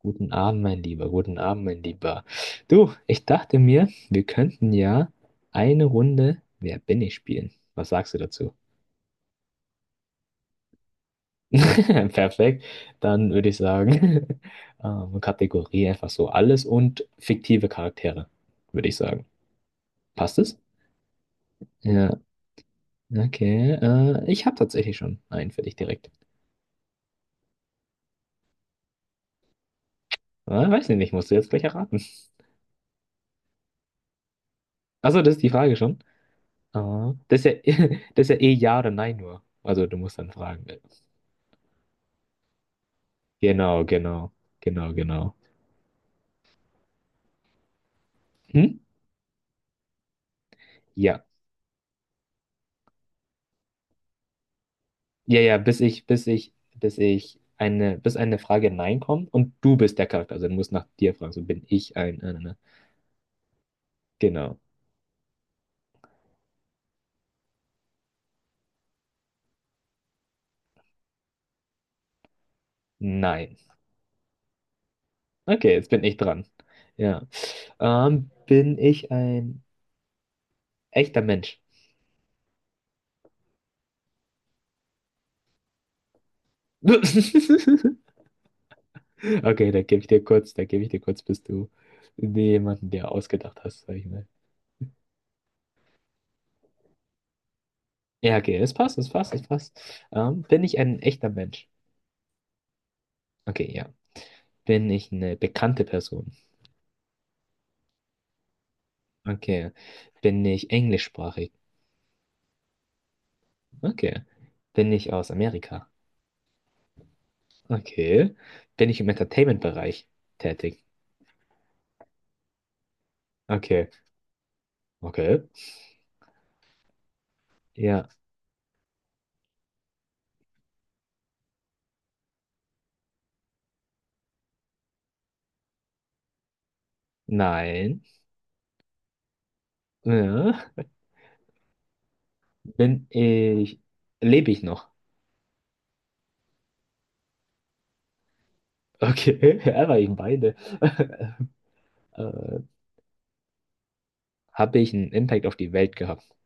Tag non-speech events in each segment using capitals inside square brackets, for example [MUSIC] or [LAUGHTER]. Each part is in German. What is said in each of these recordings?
Guten Abend, mein Lieber, guten Abend, mein Lieber. Du, ich dachte mir, wir könnten ja eine Runde Wer bin ich spielen. Was sagst du dazu? [LAUGHS] Perfekt. Dann würde ich sagen, [LAUGHS] Kategorie einfach so alles und fiktive Charaktere, würde ich sagen. Passt es? Ja, okay. Ich habe tatsächlich schon einen für dich direkt. Weiß ich nicht, musst du jetzt gleich erraten. Achso, das ist die Frage schon. Ah, das ist ja, [LAUGHS] das ist ja eh Ja oder Nein nur. Also du musst dann fragen. Genau, genau, genau, genau. Hm? Ja. Ja, ja, bis eine Frage Nein kommt und du bist der Charakter. Also du musst nach dir fragen, so bin ich ein. Ne, ne. Genau. Nein. Okay, jetzt bin ich dran. Ja. Bin ich ein echter Mensch? [LAUGHS] Okay, da gebe ich dir kurz, da gebe ich dir kurz, bis du jemanden dir ausgedacht hast, sag ich mal. Ja, okay, es passt. Bin ich ein echter Mensch? Okay, ja. Bin ich eine bekannte Person? Okay. Bin ich englischsprachig? Okay. Bin ich aus Amerika? Okay. Bin ich im Entertainment-Bereich tätig? Okay. Okay. Ja. Nein. Ja. Bin ich. Lebe ich noch? Okay. [LAUGHS] Ja, war ich beide. [LAUGHS] äh, Habe ich einen Impact auf die Welt gehabt?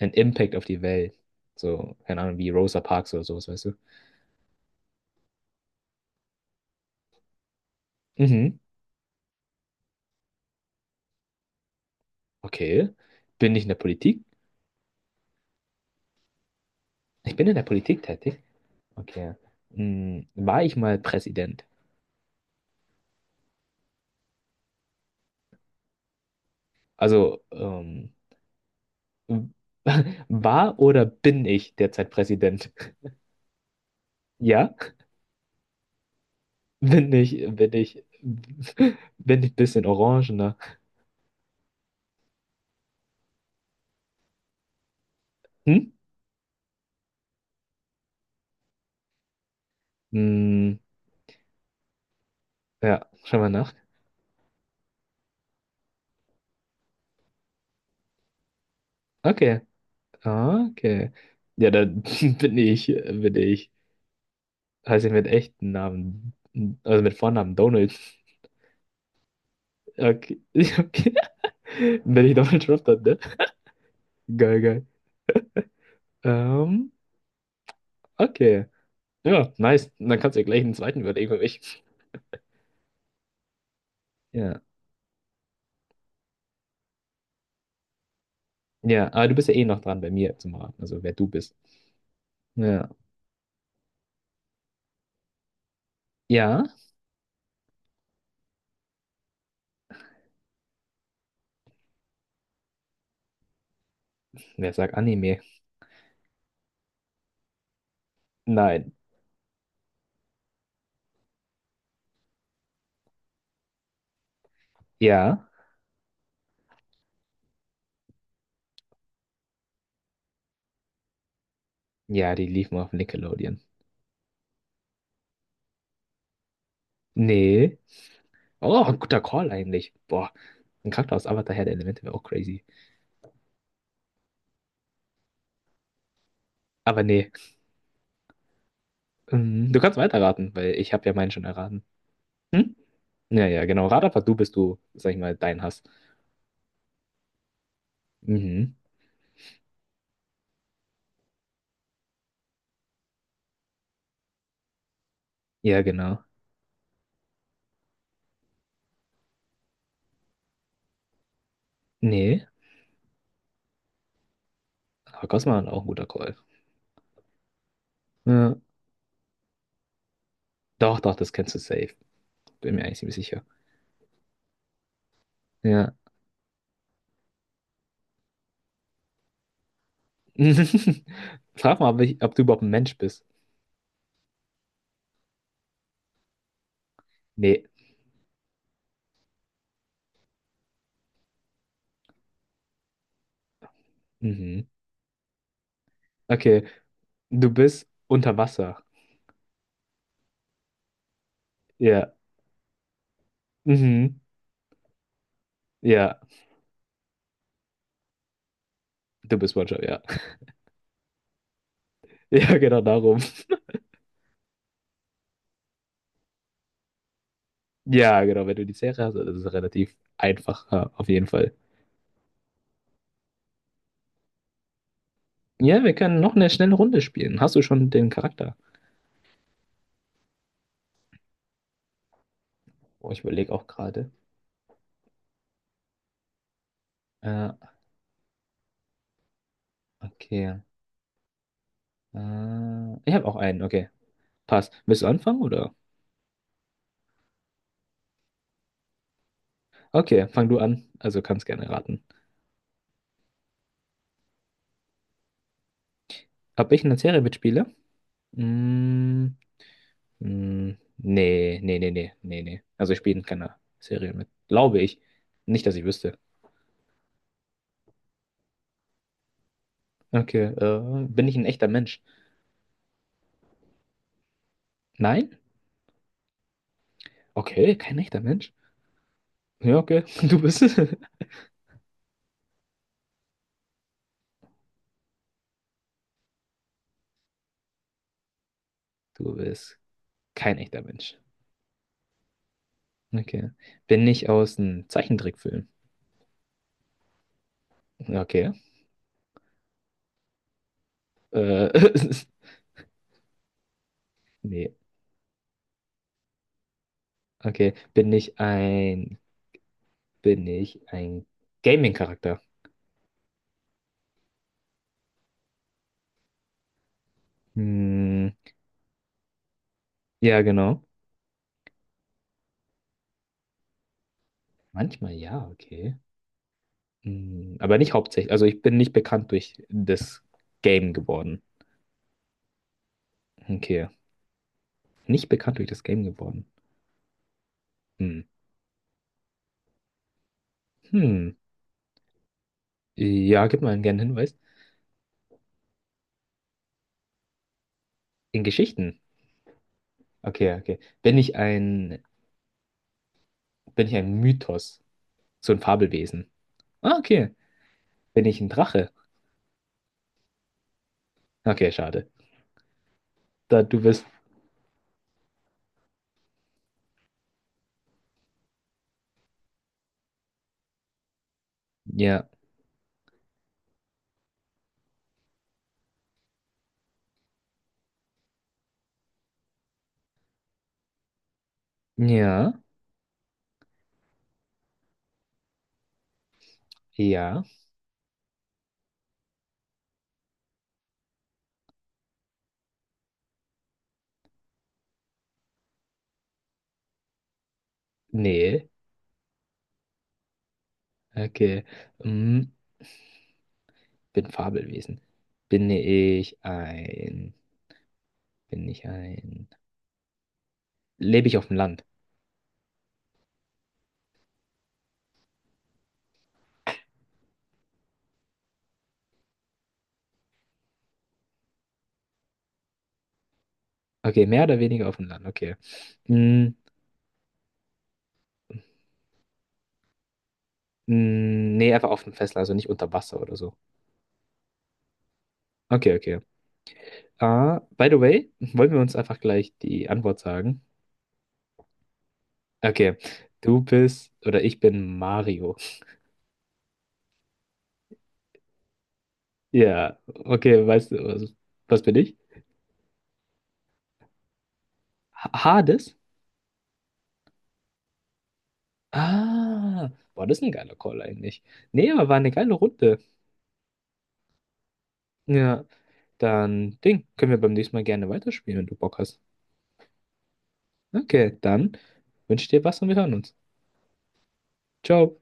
Ein Impact auf die Welt. So, keine Ahnung, wie Rosa Parks oder sowas, weißt du? Mhm. Okay. Bin ich in der Politik? Ich bin in der Politik tätig. Okay. Hm, war ich mal Präsident? Also, w- [LAUGHS] war oder bin ich derzeit Präsident? [LAUGHS] Ja? Bin ich, bin ich, [LAUGHS] bin ich ein bisschen orangener? Hm? Hm, ja, schau mal nach. Okay. Ah, okay. Ja, dann [LAUGHS] bin ich, bin ich, heiße ich mit echten Namen, also mit Vornamen Donald. Okay. [LAUGHS] Okay. Bin ich Donald Trump dann, ne? Geil, geil. Ähm, okay. Ja, nice. Und dann kannst du ja gleich einen zweiten überlegen für mich. Ja. Ja, aber du bist ja eh noch dran bei mir zum Raten, also wer du bist. Ja. Ja? Wer sagt Anime? Nein. Ja? Ja, die lief mal auf Nickelodeon. Nee. Oh, ein guter Call eigentlich. Boah, ein Charakter aus Avatar Herr der Elemente wäre auch crazy. Aber nee. Du kannst weiterraten, weil ich habe ja meinen schon erraten. Hm? Ja, ja, genau. Rat einfach du, bis du, sag ich mal, deinen hast. Mhm. Ja, genau. Nee. Aber Cosma war auch ein guter Call. Ja. Doch, doch, das kennst du safe. Bin mir eigentlich ziemlich sicher. Ja. [LAUGHS] Frag mal, ob, ich, ob du überhaupt ein Mensch bist. Nee. Mhm. Okay. Du bist unter Wasser. Ja. Mhm. Ja. Du bist SpongeBob, ja. [LAUGHS] Ja, genau darum. Ja, genau. Wenn du die Serie hast, dann ist es relativ einfach, ja, auf jeden Fall. Ja, wir können noch eine schnelle Runde spielen. Hast du schon den Charakter? Oh, ich überlege auch gerade. Äh, okay. Ich habe auch einen, okay. Passt. Willst du anfangen oder? Okay, fang du an. Also kannst gerne raten. Ob ich in der Serie mitspiele? Mm, mm, nee, nee, nee, nee, nee, nee. Also ich spiele in keiner Serie mit. Glaube ich. Nicht, dass ich wüsste. Okay, bin ich ein echter Mensch? Nein? Okay, kein echter Mensch. Ja, okay, [LAUGHS] du bist es. Du bist kein echter Mensch. Okay. Bin ich aus einem Zeichentrickfilm? Okay. Äh, [LAUGHS] Nee. Okay. Bin ich ein Gaming-Charakter? Hm, ja, genau. Manchmal ja, okay. Hm, aber nicht hauptsächlich. Also ich bin nicht bekannt durch das Game geworden. Okay. Nicht bekannt durch das Game geworden. Hm. Hm. Ja, gib mal einen gerne Hinweis. In Geschichten. Okay, okay. Bin ich ein Mythos? So ein Fabelwesen. Ah, okay. Bin ich ein Drache? Okay, schade. Da du bist. Ja. Ja. Ja. Nee. Okay. Hm. Bin Fabelwesen. Bin ich ein. Bin ich ein. Lebe ich auf dem Land? Okay, mehr oder weniger auf dem Land, okay. Mm, mm, nee, einfach auf dem Festland, also nicht unter Wasser oder so. Okay, okay. Ah, by the way, [LAUGHS] wollen wir uns einfach gleich die Antwort sagen? Okay, du bist oder ich bin Mario. Ja, okay, weißt du, was, was bin ich? Ha- Hades? Ah, boah, das ist ein geiler Call eigentlich. Nee, aber war eine geile Runde. Ja, dann Ding, können wir beim nächsten Mal gerne weiterspielen, wenn du Bock hast. Okay, dann wünsche ich dir was und wir hören uns. Ciao.